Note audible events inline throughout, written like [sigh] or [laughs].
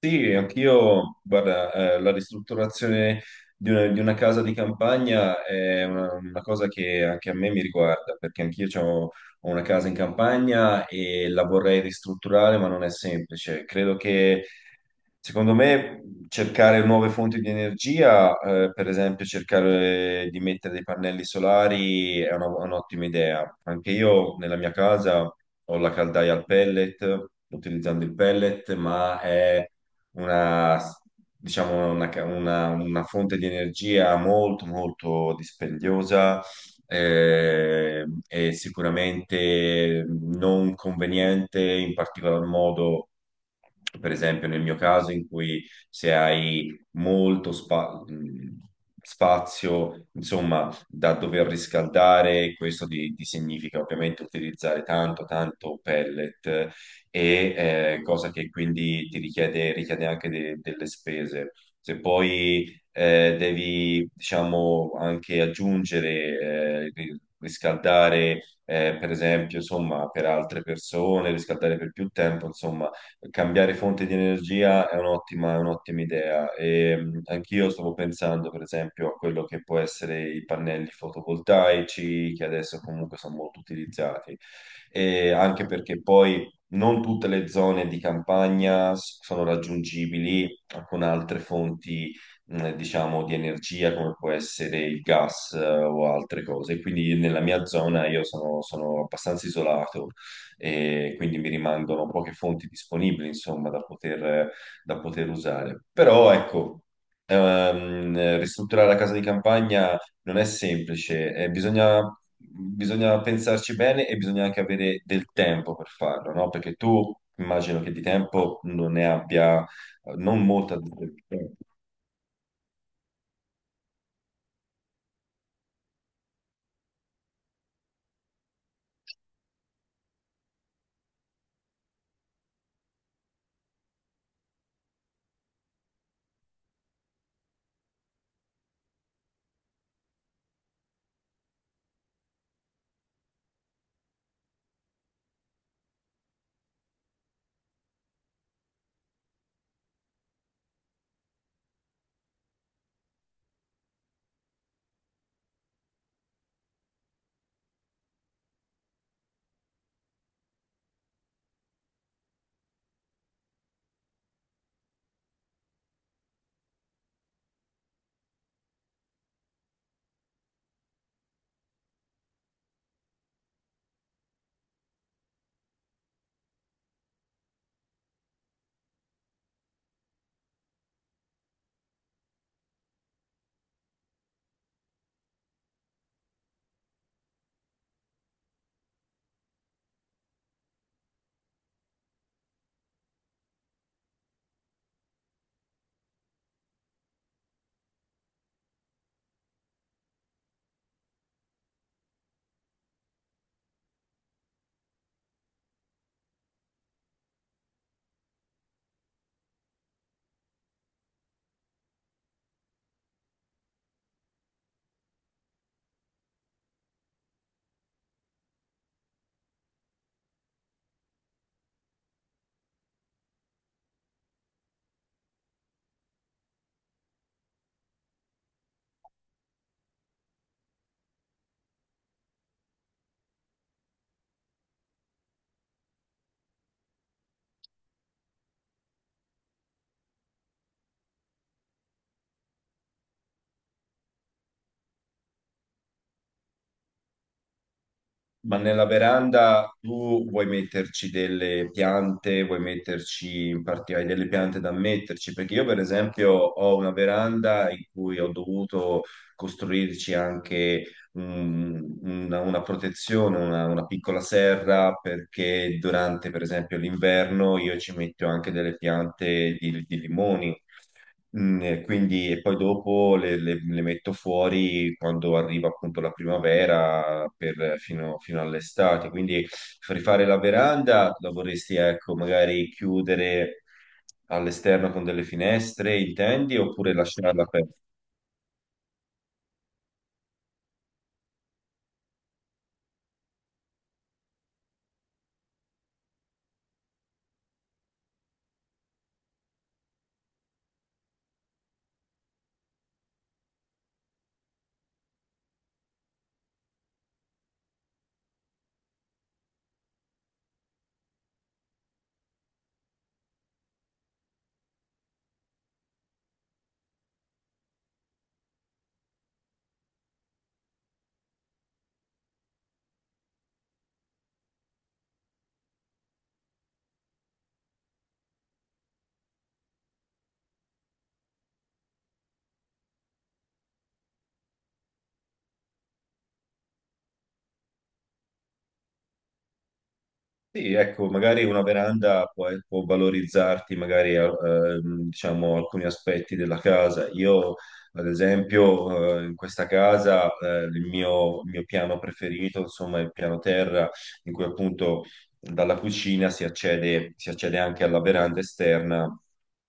Sì, anch'io, guarda, la ristrutturazione di una casa di campagna è una cosa che anche a me mi riguarda, perché ho una casa in campagna e la vorrei ristrutturare, ma non è semplice. Credo che, secondo me, cercare nuove fonti di energia, per esempio cercare di mettere dei pannelli solari, è un'ottima idea. Anche io nella mia casa ho la caldaia al pellet, utilizzando il pellet, ma è una, diciamo, una fonte di energia molto dispendiosa e sicuramente non conveniente, in particolar modo, per esempio, nel mio caso, in cui se hai molto spa- mh, spazio, insomma, da dover riscaldare, questo ti significa ovviamente utilizzare tanto pellet e cosa che quindi ti richiede, anche delle spese. Se poi devi, diciamo, anche aggiungere, riscaldare, per esempio, insomma, per altre persone, riscaldare per più tempo, insomma, cambiare fonte di energia è è un'ottima idea. Anch'io stavo pensando, per esempio, a quello che può essere i pannelli fotovoltaici, che adesso comunque sono molto utilizzati, e anche perché poi non tutte le zone di campagna sono raggiungibili con altre fonti, diciamo, di energia, come può essere il gas, o altre cose. Quindi nella mia zona io sono abbastanza isolato e quindi mi rimangono poche fonti disponibili, insomma, da poter usare. Però ecco, ristrutturare la casa di campagna non è semplice, eh, bisogna pensarci bene e bisogna anche avere del tempo per farlo, no? Perché tu immagino che di tempo non ne abbia, non molta. Ma nella veranda tu vuoi metterci delle piante, vuoi metterci in particolare delle piante da metterci? Perché io, per esempio, ho una veranda in cui ho dovuto costruirci anche una protezione, una piccola serra, perché durante, per esempio, l'inverno io ci metto anche delle piante di limoni. Mm, e quindi e poi dopo le metto fuori quando arriva appunto la primavera fino, fino all'estate. Quindi rifare la veranda la vorresti, ecco, magari chiudere all'esterno con delle finestre, intendi, oppure lasciarla aperta? Sì, ecco, magari una veranda può valorizzarti magari diciamo, alcuni aspetti della casa. Io, ad esempio, in questa casa il il mio piano preferito, insomma, è il piano terra, in cui appunto dalla cucina si accede anche alla veranda esterna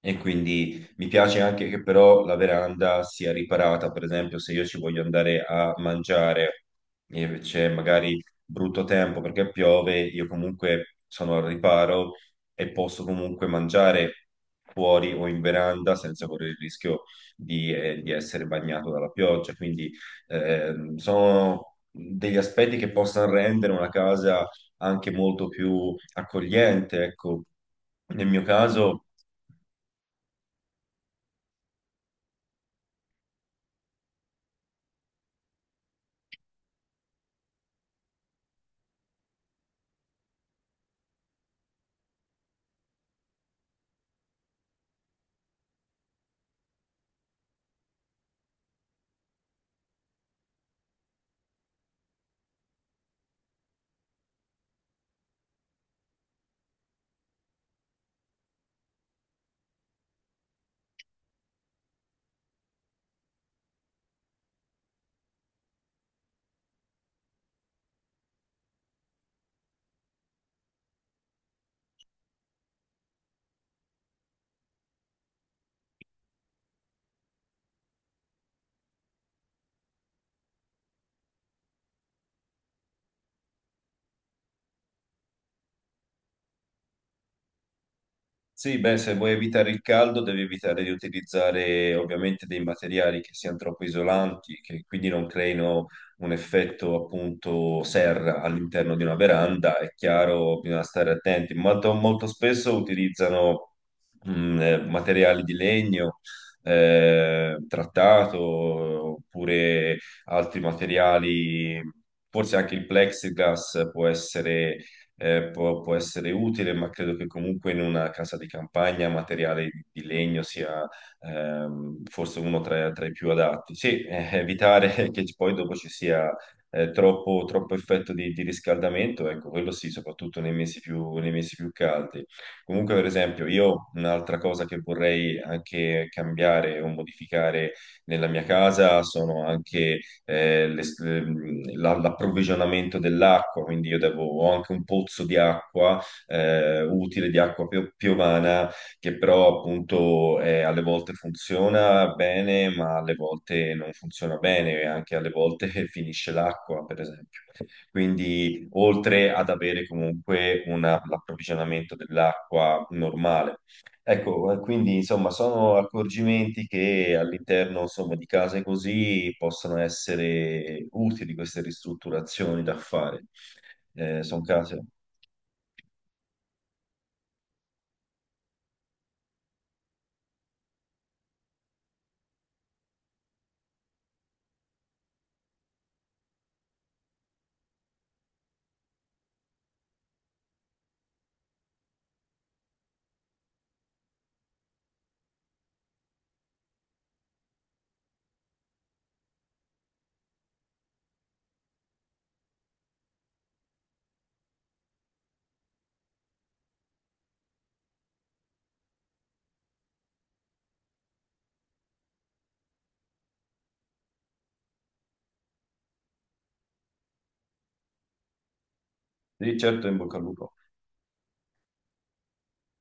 e quindi mi piace anche che però la veranda sia riparata, per esempio, se io ci voglio andare a mangiare e c'è magari brutto tempo perché piove, io comunque sono al riparo e posso comunque mangiare fuori o in veranda senza correre il rischio di essere bagnato dalla pioggia. Quindi sono degli aspetti che possono rendere una casa anche molto più accogliente, ecco. Nel mio caso. Sì, beh, se vuoi evitare il caldo devi evitare di utilizzare ovviamente dei materiali che siano troppo isolanti, che quindi non creino un effetto appunto serra all'interno di una veranda. È chiaro, bisogna stare attenti. Molto, molto spesso utilizzano materiali di legno trattato oppure altri materiali, forse anche il plexiglass può essere eh, può essere utile, ma credo che comunque in una casa di campagna materiale di legno sia forse uno tra, tra i più adatti. Sì, evitare [laughs] che poi dopo ci sia eh, troppo effetto di riscaldamento, ecco, quello sì, soprattutto nei nei mesi più caldi. Comunque, per esempio, io un'altra cosa che vorrei anche cambiare o modificare nella mia casa sono anche l'approvvigionamento dell'acqua, quindi ho anche un pozzo di acqua utile, di acqua piovana, che però appunto alle volte funziona bene, ma alle volte non funziona bene, e anche alle volte [laughs] finisce l'acqua, per esempio. Quindi, oltre ad avere comunque l'approvvigionamento dell'acqua normale, ecco, quindi insomma sono accorgimenti che all'interno insomma, di case così possono essere utili queste ristrutturazioni da fare. Sono case. Sì, certo, in bocca al lupo.